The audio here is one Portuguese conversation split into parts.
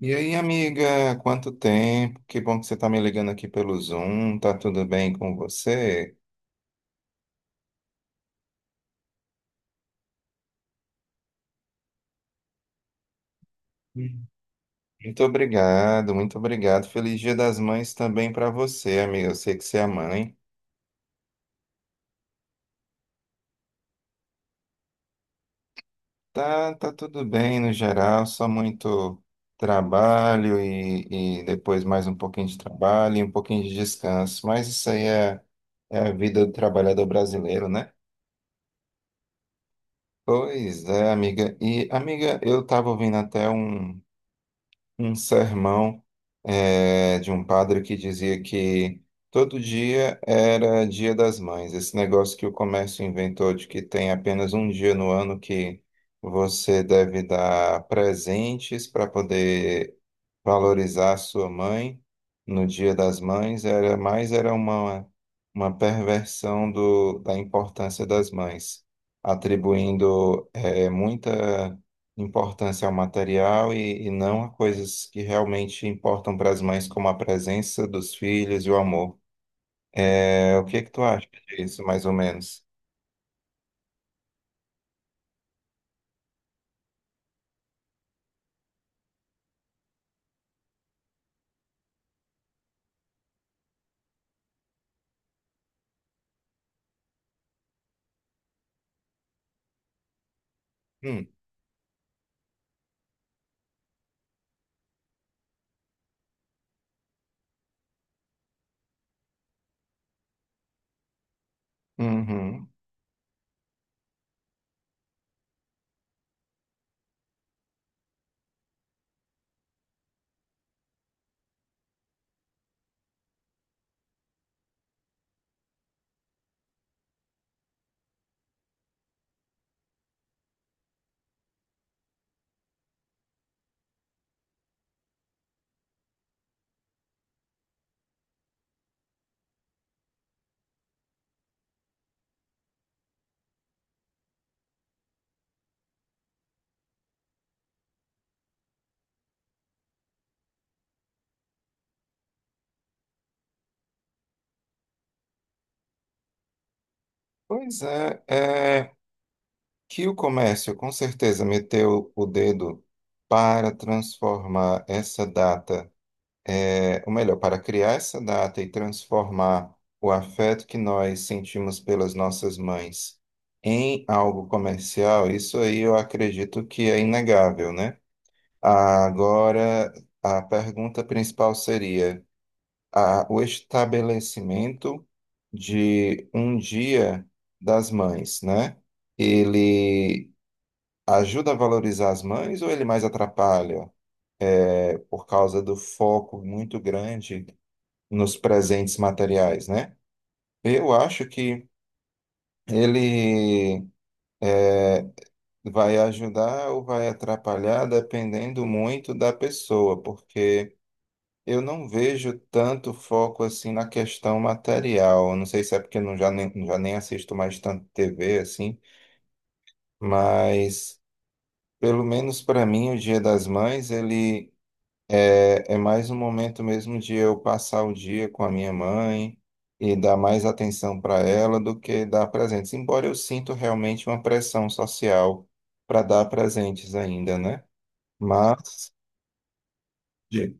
E aí, amiga, quanto tempo? Que bom que você está me ligando aqui pelo Zoom. Tá tudo bem com você? Hum. Muito obrigado, muito obrigado. Feliz Dia das Mães também para você, amiga. Eu sei que você é mãe. Tá, tá tudo bem no geral, só muito trabalho e depois mais um pouquinho de trabalho e um pouquinho de descanso. Mas isso aí é a vida do trabalhador brasileiro, né? Pois é, amiga. E, amiga, eu estava ouvindo até um. Um sermão de um padre que dizia que todo dia era Dia das Mães. Esse negócio que o comércio inventou de que tem apenas um dia no ano que você deve dar presentes para poder valorizar sua mãe no Dia das Mães era mais era uma uma perversão da importância das mães, atribuindo muita importância ao material e não a coisas que realmente importam para as mães, como a presença dos filhos e o amor. É, o que que tu acha disso, mais ou menos? Hum, uhum. Pois é, é. Que o comércio com certeza meteu o dedo para transformar essa data, é, ou melhor, para criar essa data e transformar o afeto que nós sentimos pelas nossas mães em algo comercial, isso aí eu acredito que é inegável, né? Agora, a pergunta principal seria o estabelecimento de um dia das mães, né? Ele ajuda a valorizar as mães ou ele mais atrapalha, é, por causa do foco muito grande nos presentes materiais, né? Eu acho que ele é, vai ajudar ou vai atrapalhar dependendo muito da pessoa, porque eu não vejo tanto foco assim na questão material. Não sei se é porque eu já nem assisto mais tanto TV assim, mas pelo menos para mim o Dia das Mães ele É, é mais um momento mesmo de eu passar o dia com a minha mãe e dar mais atenção para ela do que dar presentes. Embora eu sinto realmente uma pressão social para dar presentes ainda, né? Mas. de-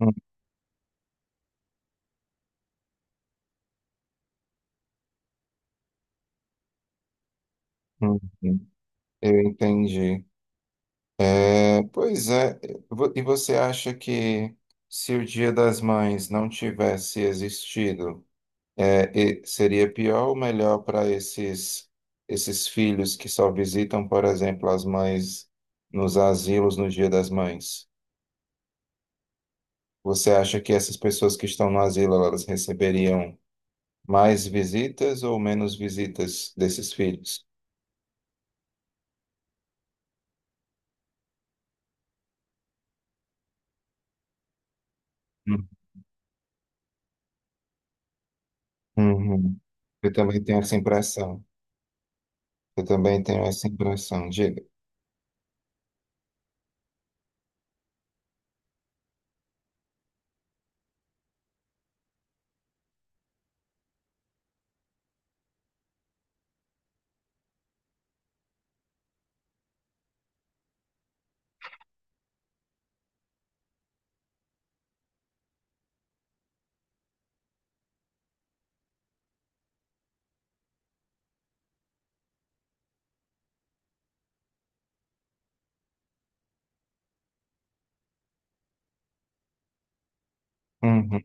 Hum, hum. Eu entendi. É, pois é. E você acha que se o Dia das Mães não tivesse existido, é, e seria pior ou melhor para esses, esses filhos que só visitam, por exemplo, as mães nos asilos no Dia das Mães? Você acha que essas pessoas que estão no asilo, elas receberiam mais visitas ou menos visitas desses filhos? Hum. Uhum. Eu também tenho essa impressão. Eu também tenho essa impressão. Diga. Uhum.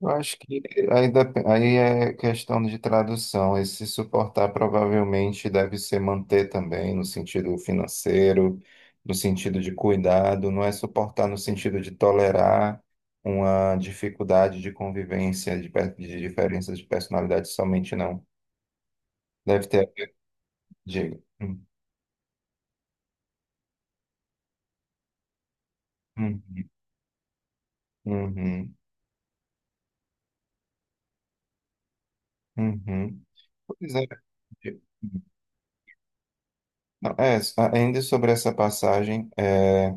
Eu acho que aí, aí é questão de tradução. Esse suportar provavelmente deve ser manter também, no sentido financeiro, no sentido de cuidado, não é suportar no sentido de tolerar uma dificuldade de convivência, de diferenças de personalidade somente, não. Deve ter. Diga. Hum, Uhum, uhum. Pois é. Não, é, ainda sobre essa passagem, é,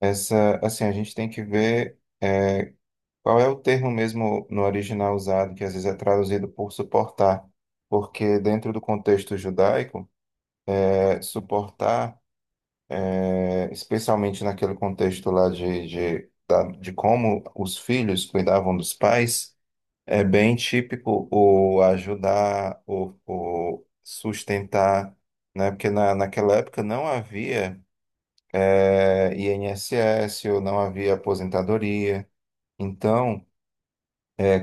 essa, assim, a gente tem que ver. É, qual é o termo mesmo no original usado, que às vezes é traduzido por suportar? Porque dentro do contexto judaico, é, suportar, é, especialmente naquele contexto lá de como os filhos cuidavam dos pais, é bem típico o ajudar, o sustentar, né? Porque naquela época não havia, é, INSS, ou não havia aposentadoria. Então,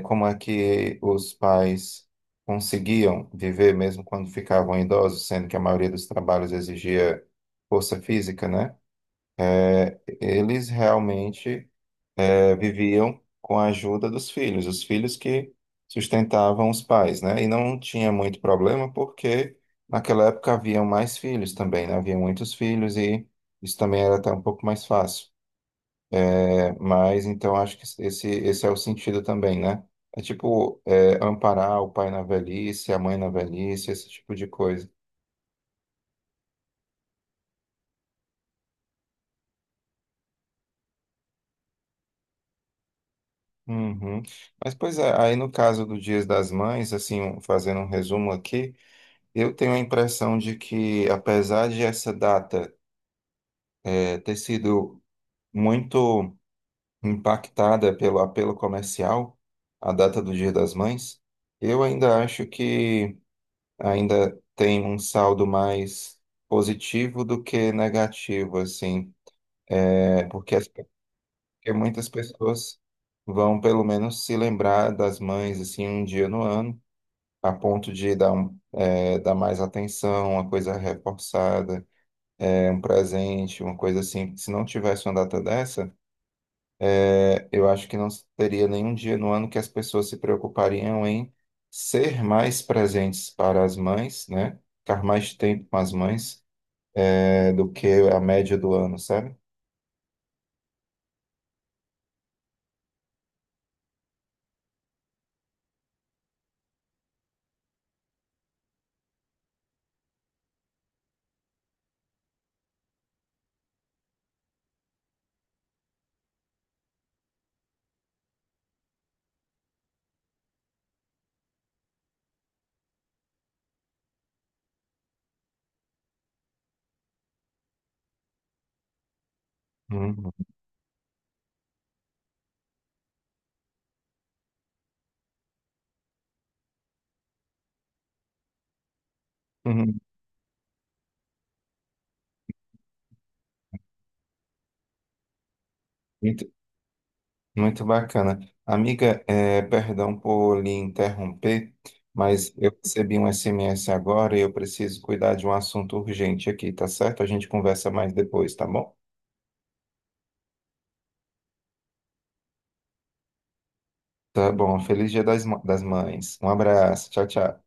como é que os pais conseguiam viver mesmo quando ficavam idosos, sendo que a maioria dos trabalhos exigia força física, né? Eles realmente viviam com a ajuda dos filhos, os filhos que sustentavam os pais, né? E não tinha muito problema porque naquela época haviam mais filhos também, né? Havia muitos filhos e isso também era até um pouco mais fácil. Mas então acho que esse é o sentido também, né? É tipo é, amparar o pai na velhice, a mãe na velhice, esse tipo de coisa. Uhum. Mas pois é, aí no caso do Dias das Mães, assim, um, fazendo um resumo aqui, eu tenho a impressão de que, apesar de essa data é, ter sido muito impactada pelo apelo comercial, a data do Dia das Mães, eu ainda acho que ainda tem um saldo mais positivo do que negativo, assim, é, porque, porque muitas pessoas vão pelo menos se lembrar das mães, assim, um dia no ano, a ponto de dar, um, é, dar mais atenção, uma coisa reforçada, é, um presente, uma coisa assim. Se não tivesse uma data dessa, é, eu acho que não teria nenhum dia no ano que as pessoas se preocupariam em ser mais presentes para as mães, né? Ficar mais tempo com as mães é, do que a média do ano, sabe? Uhum. Uhum. Muito, muito bacana. Amiga, é, perdão por lhe interromper, mas eu recebi um SMS agora e eu preciso cuidar de um assunto urgente aqui, tá certo? A gente conversa mais depois, tá bom? Tá bom. Feliz Dia das, das Mães. Um abraço. Tchau, tchau.